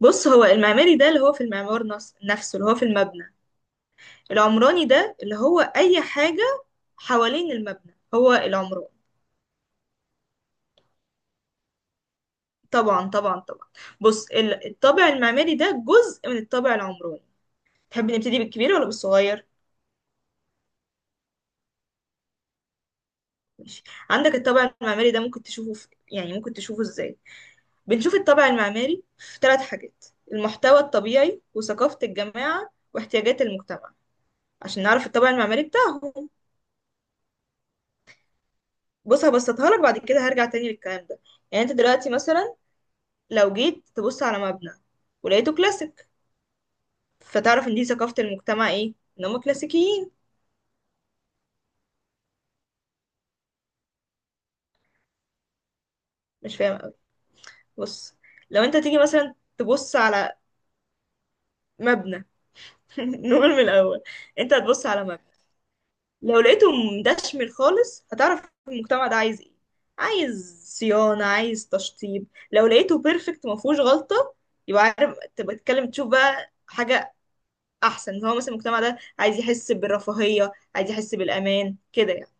بص هو المعماري ده اللي هو في المعمار نفسه اللي هو في المبنى. العمراني ده اللي هو أي حاجة حوالين المبنى هو العمران. طبعا طبعا طبعا. بص، الطابع المعماري ده جزء من الطابع العمراني. تحب نبتدي بالكبير ولا بالصغير؟ ماشي. عندك الطابع المعماري ده ممكن تشوفه في، يعني ممكن تشوفه ازاي؟ بنشوف الطابع المعماري في ثلاث حاجات: المحتوى الطبيعي، وثقافة الجماعة، واحتياجات المجتمع، عشان نعرف الطابع المعماري بتاعهم. بص، هبسطها لك، بعد كده هرجع تاني للكلام ده. يعني انت دلوقتي مثلا لو جيت تبص على مبنى ولقيته كلاسيك، فتعرف ان دي ثقافة المجتمع ايه، ان هم كلاسيكيين. مش فاهم قوي. بص، لو انت تيجي مثلا تبص على مبنى نقول من الاول. انت هتبص على مبنى، لو لقيته مدشمل خالص هتعرف المجتمع ده عايز ايه، عايز صيانة، عايز تشطيب. لو لقيته بيرفكت ما فيهوش غلطة، يبقى عارف تبقى تتكلم تشوف بقى حاجة احسن، ان هو مثلا المجتمع ده عايز يحس بالرفاهية، عايز يحس بالامان كده يعني.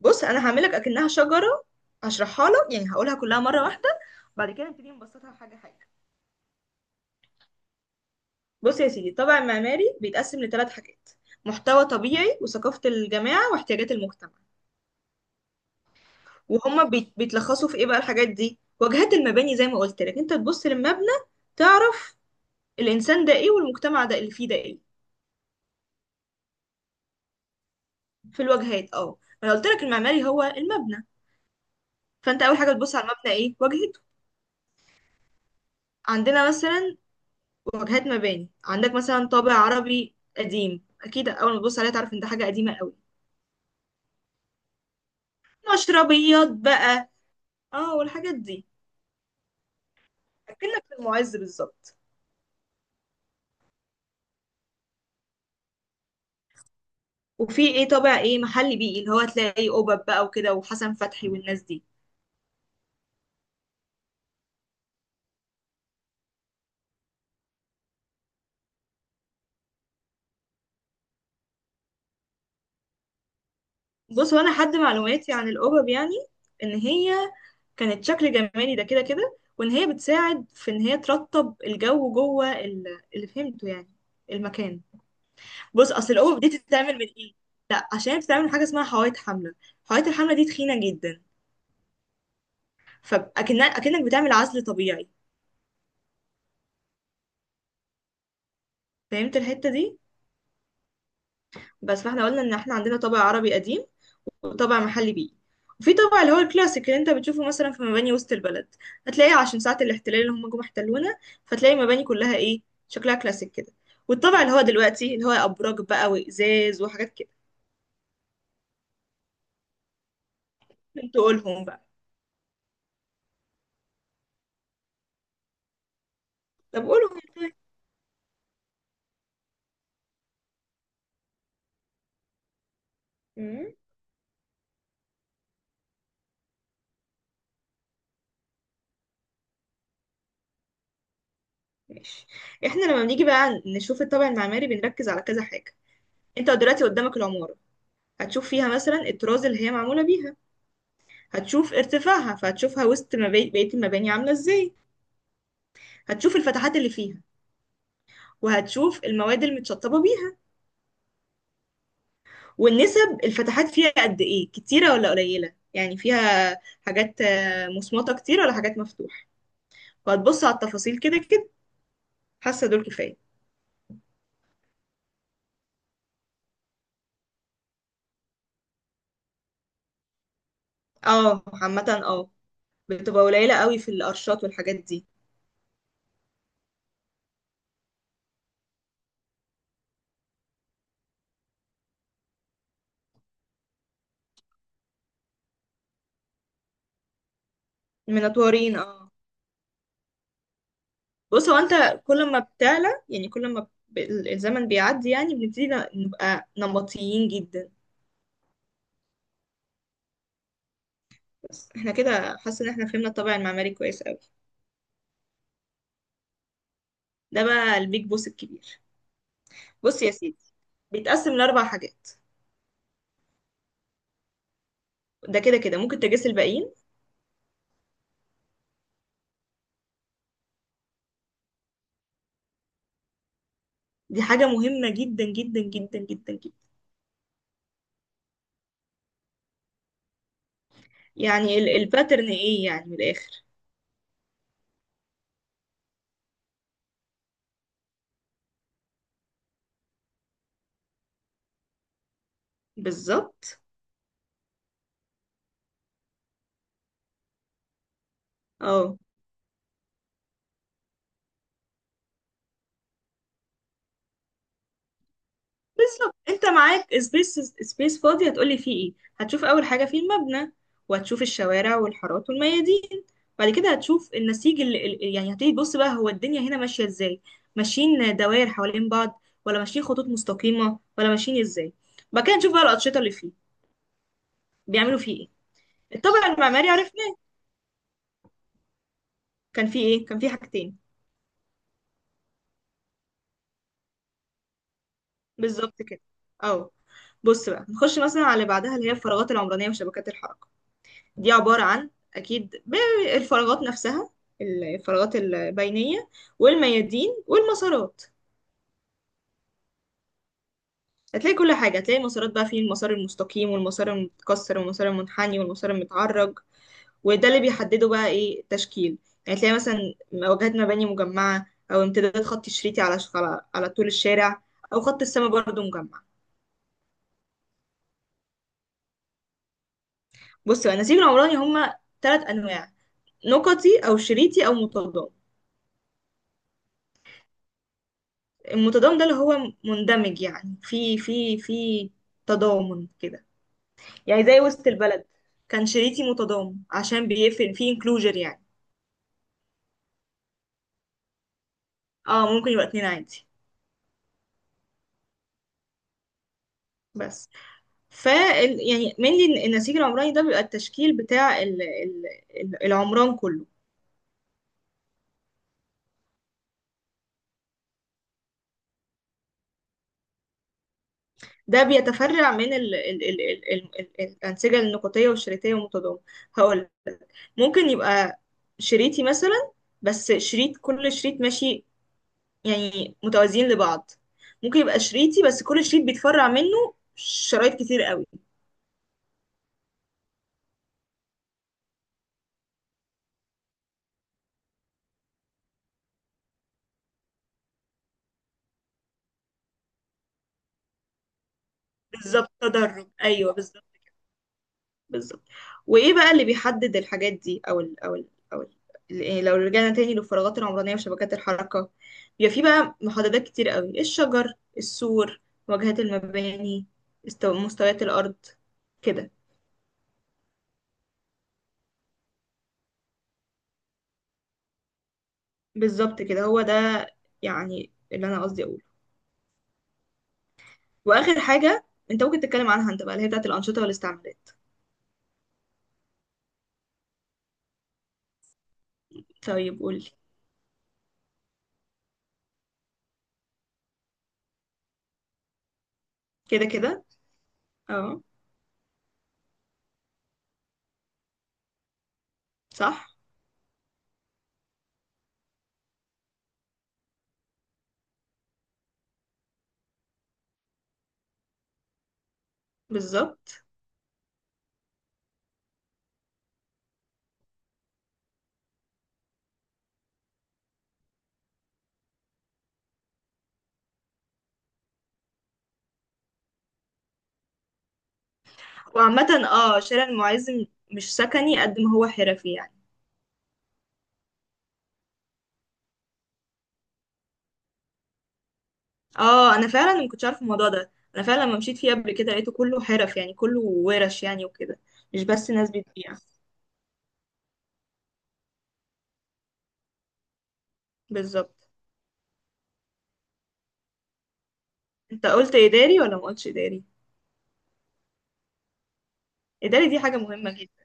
بص انا هعملك اكنها شجره، هشرحها لك يعني، هقولها كلها مره واحده، بعد كده نبتدي نبسطها حاجه حاجه. بص يا سيدي، الطابع المعماري بيتقسم لثلاث حاجات: محتوى طبيعي، وثقافه الجماعه، واحتياجات المجتمع. وهما بيتلخصوا في ايه بقى؟ الحاجات دي واجهات المباني، زي ما قلت لك، انت تبص للمبنى تعرف الانسان ده ايه، والمجتمع ده اللي فيه ده ايه. في الواجهات اه. انا قلت لك المعماري هو المبنى، فانت اول حاجه تبص على المبنى ايه واجهته. عندنا مثلا واجهات مباني، عندك مثلا طابع عربي قديم، اكيد اول ما تبص عليها تعرف ان ده حاجه قديمه قوي. مشربيات بقى، اه والحاجات دي، اكنك في المعز بالظبط. وفي ايه، طابع ايه، محلي بيئي، اللي هو تلاقي قبب بقى وكده، وحسن فتحي والناس دي. بص، وانا حد معلوماتي عن القبب يعني، ان هي كانت شكل جمالي ده كده كده، وان هي بتساعد في ان هي ترطب الجو جوه اللي فهمته يعني المكان. بص، اصل الاوف دي بتتعمل من ايه؟ لا، عشان بتتعمل من حاجه اسمها حوايط حمله، حوايط الحمله دي تخينه جدا، فاكنك اكنك بتعمل عزل طبيعي. فهمت الحته دي؟ بس، فاحنا قلنا ان احنا عندنا طابع عربي قديم، وطابع محلي بيئي، وفي طابع اللي هو الكلاسيك اللي انت بتشوفه مثلا في مباني وسط البلد، هتلاقيه عشان ساعه الاحتلال اللي هم جم احتلونا، فتلاقي المباني كلها ايه؟ شكلها كلاسيك كده. والطابع اللي هو دلوقتي، اللي هو ابراج بقى وازاز وحاجات كده. انتوا قولهم بقى. طب قولهم طيب. مم. ماشي. احنا لما بنيجي بقى نشوف الطابع المعماري بنركز على كذا حاجة. انت دلوقتي قدامك العمارة، هتشوف فيها مثلا الطراز اللي هي معمولة بيها، هتشوف ارتفاعها، فهتشوفها وسط بقية المباني عاملة ازاي. هتشوف الفتحات اللي فيها، وهتشوف المواد المتشطبة بيها، والنسب، الفتحات فيها قد ايه، كتيرة ولا قليلة، يعني فيها حاجات مصمطة كتير ولا حاجات مفتوحة، وهتبص على التفاصيل كده كده. حاسة دول كفاية. اه، عامة اه، بتبقى قليلة قوي في القرشات والحاجات دي. منطورين اه. بص، هو انت كل ما بتعلى، يعني كل ما الزمن بيعدي يعني بنبتدي نبقى نمطيين جدا. بس احنا كده حاسه ان احنا فهمنا الطابع المعماري كويس قوي. ده بقى البيج بوس الكبير. بص يا سيدي، بيتقسم لاربع حاجات. ده كده كده ممكن تجاس الباقيين. دي حاجه مهمه جدا جدا جدا جدا جدا. يعني الباترن ايه، يعني من الاخر. بالظبط. اه بالظبط، انت معاك سبيس فاضي هتقولي فيه ايه؟ هتشوف اول حاجه فيه المبنى، وهتشوف الشوارع والحارات والميادين. بعد كده هتشوف النسيج اللي يعني هتيجي تبص بقى هو الدنيا هنا ماشيه ازاي، ماشيين دوائر حوالين بعض ولا ماشيين خطوط مستقيمه ولا ماشيين ازاي. بعد كده نشوف بقى الانشطه اللي فيه بيعملوا فيه ايه. الطابع المعماري عرفناه، كان فيه ايه؟ كان فيه حاجتين. بالظبط كده اه. بص بقى، نخش مثلا على اللي بعدها اللي هي الفراغات العمرانيه وشبكات الحركه. دي عبارة عن، أكيد، بالفراغات نفسها، الفراغات البينية، والميادين، والمسارات. هتلاقي كل حاجة، هتلاقي المسارات بقى فيه المسار المستقيم، والمسار المتكسر، والمسار المنحني، والمسار المتعرج. وده اللي بيحدده بقى إيه التشكيل، يعني تلاقي مثلا واجهات مباني مجمعة، أو امتداد خط شريطي على طول الشارع، أو خط السماء برضه مجمع. بص بقى، النسيج العمراني هما تلات أنواع: نقطي، أو شريطي، أو متضاد. المتضامن ده اللي هو مندمج يعني في تضامن كده. يعني زي وسط البلد، كان شريكي متضامن عشان بيفهم في انكلوجر يعني. اه ممكن يبقى اتنين عادي. بس، ف، يعني mainly النسيج العمراني ده بيبقى التشكيل بتاع العمران كله. ده بيتفرع من الأنسجة النقطية والشريطية والمتضامن. هقول ممكن يبقى شريطي مثلا، بس شريط، كل شريط ماشي يعني متوازيين لبعض، ممكن يبقى شريطي بس كل شريط بيتفرع منه شرايط كتير قوي. بالظبط، تدرج ايوه، بالظبط، بالظبط. وايه بقى اللي بيحدد الحاجات دي او ال او ال او ال إيه، لو رجعنا تاني للفراغات العمرانيه وشبكات الحركه، بيبقى في بقى محددات كتير قوي: الشجر، السور، واجهات المباني، مستويات الارض، كده. بالظبط كده، هو ده، يعني اللي انا قصدي اقوله. واخر حاجه انت ممكن تتكلم عنها انت بقى اللي هي بتاعت الانشطه والاستعمالات. طيب قولي. كده كده اه، صح بالظبط. وعامة اه، شارع المعز مش سكني قد ما هو حرفي يعني. اه، انا فعلا ما كنتش عارف الموضوع ده، انا فعلا لما مشيت فيه قبل كده لقيته كله حرف يعني، كله ورش يعني وكده، مش بس ناس بتبيع. بالظبط. انت قلت اداري ولا ما قلتش اداري؟ اداري دي حاجة مهمة جدا،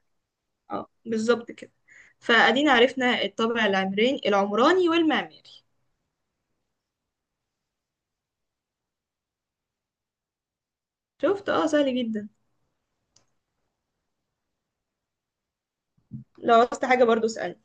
اه بالظبط كده. فادينا عرفنا الطابع العمراني والمعماري. شفت، اه سهل جدا. لو عاوزت حاجة برضو اسألني.